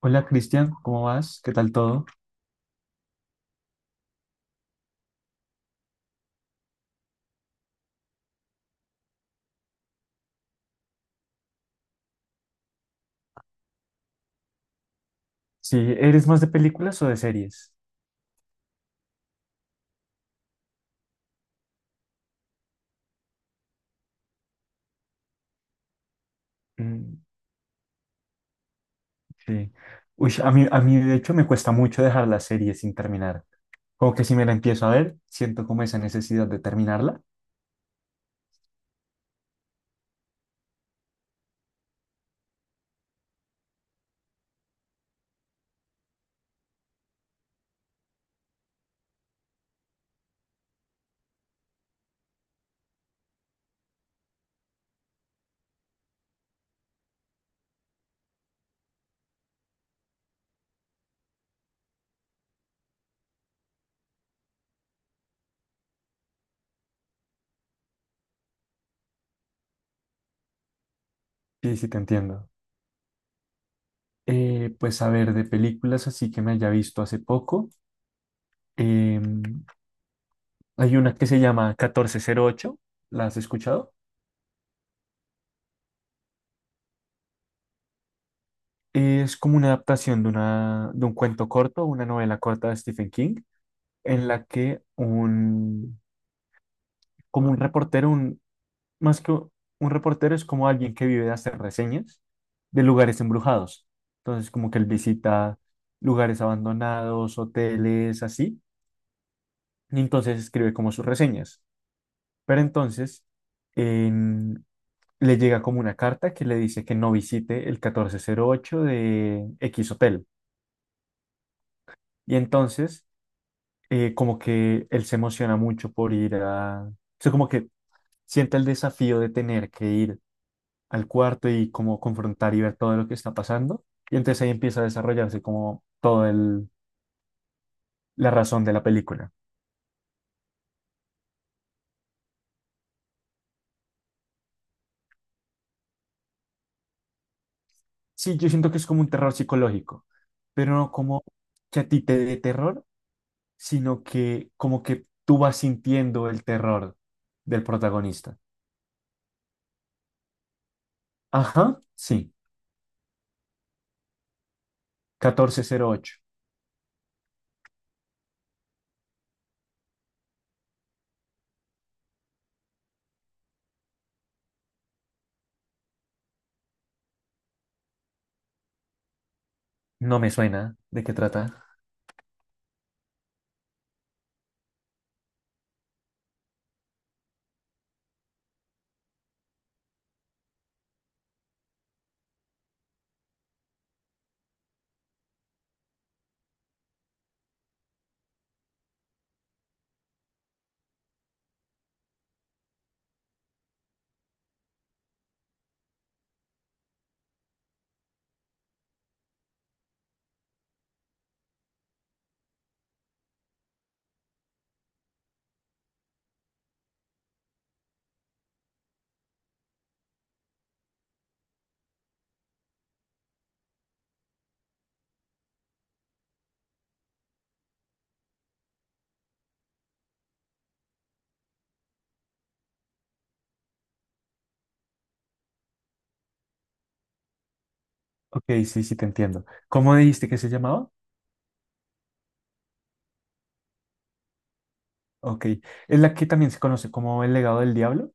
Hola Cristian, ¿cómo vas? ¿Qué tal todo? Sí, ¿eres más de películas o de series? Mm, sí. Uy, a mí de hecho me cuesta mucho dejar la serie sin terminar. Como que si me la empiezo a ver, siento como esa necesidad de terminarla. Sí, sí, te entiendo. Pues a ver, de películas así que me haya visto hace poco. em, Hay una que se llama 1408. ¿La has escuchado? Es como una adaptación de un cuento corto, una novela corta de Stephen King, en la que un, como un reportero, un, más que un reportero es como alguien que vive de hacer reseñas de lugares embrujados. Entonces, como que él visita lugares abandonados, hoteles, así, y entonces escribe como sus reseñas. Pero entonces, en le llega como una carta que le dice que no visite el 1408 de X Hotel. Y entonces, como que él se emociona mucho por ir a. O sea, como que siente el desafío de tener que ir al cuarto y como confrontar y ver todo lo que está pasando. Y entonces ahí empieza a desarrollarse como la razón de la película. Sí, yo siento que es como un terror psicológico, pero no como que a ti te dé terror, sino que como que tú vas sintiendo el terror del protagonista. Ajá, sí, 1408. No me suena. ¿De qué trata? Ok, sí, sí, te entiendo. ¿Cómo dijiste que se llamaba? Ok. ¿Es la que también se conoce como El Legado del Diablo?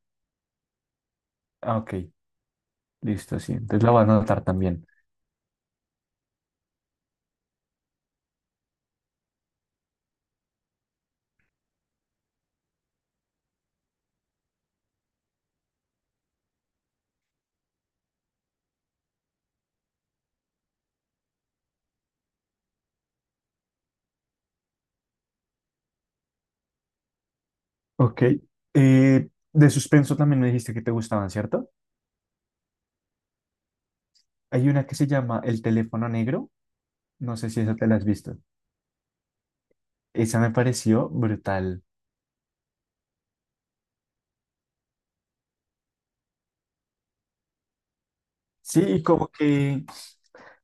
Ah, ok. Listo, sí. Entonces la voy a anotar también. Ok. De suspenso también me dijiste que te gustaban, ¿cierto? Hay una que se llama El Teléfono Negro. No sé si esa te la has visto. Esa me pareció brutal. Sí, y como que,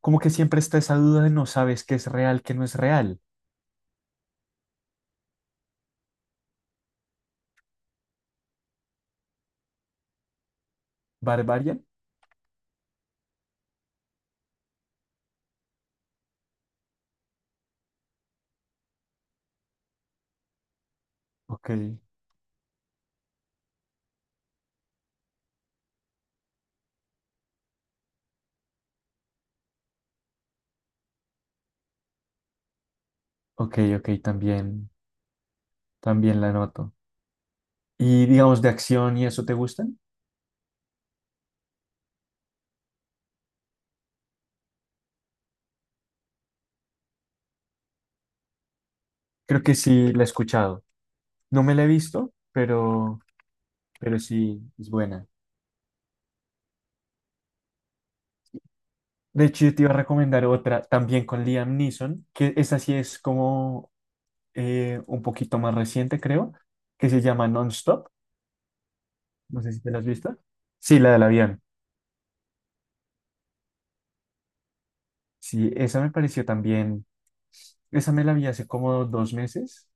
como que siempre está esa duda de no sabes qué es real, qué no es real. ¿Barbarian? Ok. Ok, ok, también la noto. ¿Y digamos, de acción y eso te gustan? Creo que sí la he escuchado. No me la he visto, pero sí es buena. De hecho, yo te iba a recomendar otra también con Liam Neeson, que esta sí es como un poquito más reciente, creo, que se llama Non-Stop. No sé si te la has visto. Sí, la del avión. Sí, esa me pareció también. Esa me la vi hace como 2 meses.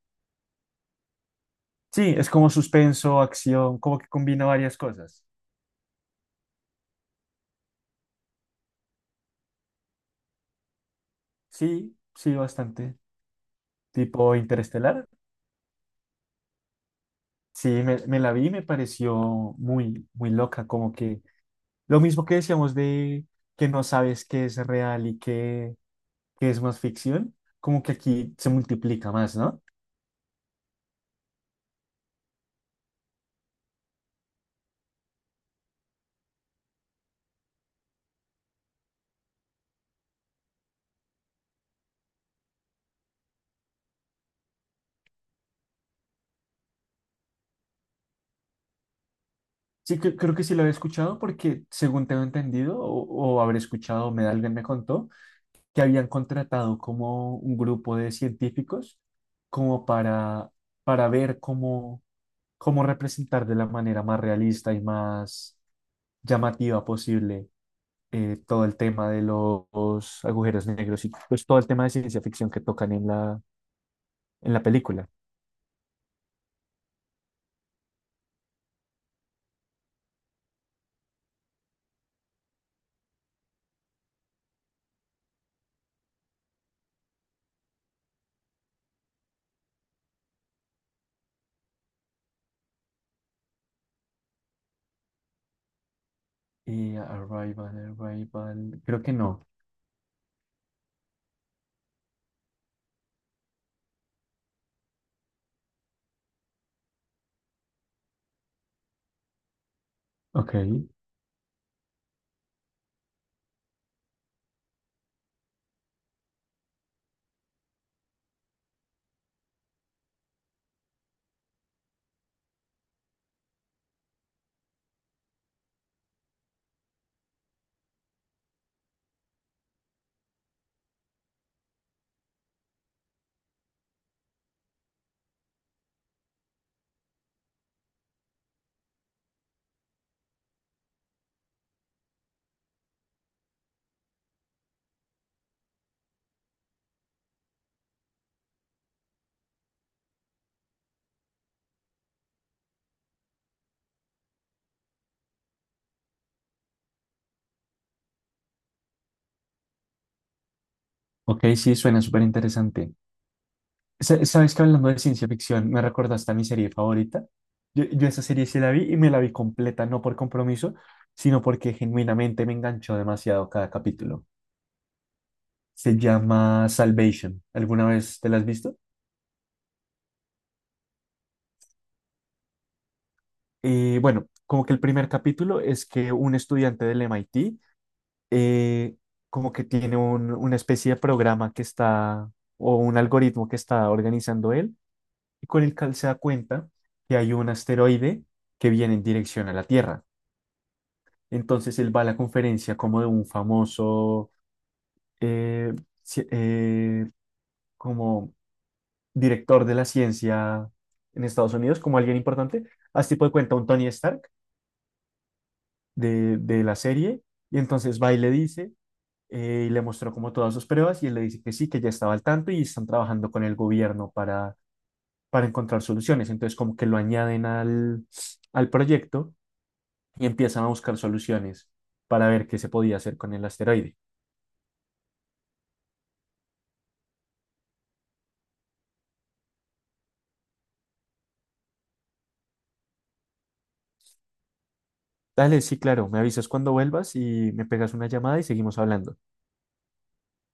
Sí, es como suspenso, acción, como que combina varias cosas. Sí, sí, bastante. Tipo Interestelar. Sí, me la vi y me pareció muy, muy loca. Como que lo mismo que decíamos de que no sabes qué es real y qué es más ficción, como que aquí se multiplica más, ¿no? Sí, creo que sí lo había escuchado porque según tengo entendido o habré escuchado, me alguien me contó, que habían contratado como un grupo de científicos como para ver cómo representar de la manera más realista y más llamativa posible todo el tema de los agujeros negros y pues todo el tema de ciencia ficción que tocan en la película. Arrival, creo que no. Ok, ok, sí, suena súper interesante. ¿Sabes que hablando de ciencia ficción me recordaste a mi serie favorita? Yo esa serie sí la vi y me la vi completa, no por compromiso, sino porque genuinamente me enganchó demasiado cada capítulo. Se llama Salvation. ¿Alguna vez te la has visto? Bueno, como que el primer capítulo es que un estudiante del MIT eh, como que tiene una especie de programa que está o un algoritmo que está organizando él y con el cual se da cuenta que hay un asteroide que viene en dirección a la Tierra. Entonces él va a la conferencia como de un famoso eh, ci- eh, como director de la ciencia en Estados Unidos, como alguien importante. Haz tipo de cuenta un Tony Stark de la serie. Y entonces va y le dice, y le mostró como todas sus pruebas, y él le dice que sí, que ya estaba al tanto y están trabajando con el gobierno para encontrar soluciones. Entonces como que lo añaden al proyecto y empiezan a buscar soluciones para ver qué se podía hacer con el asteroide. Dale, sí, claro, me avisas cuando vuelvas y me pegas una llamada y seguimos hablando.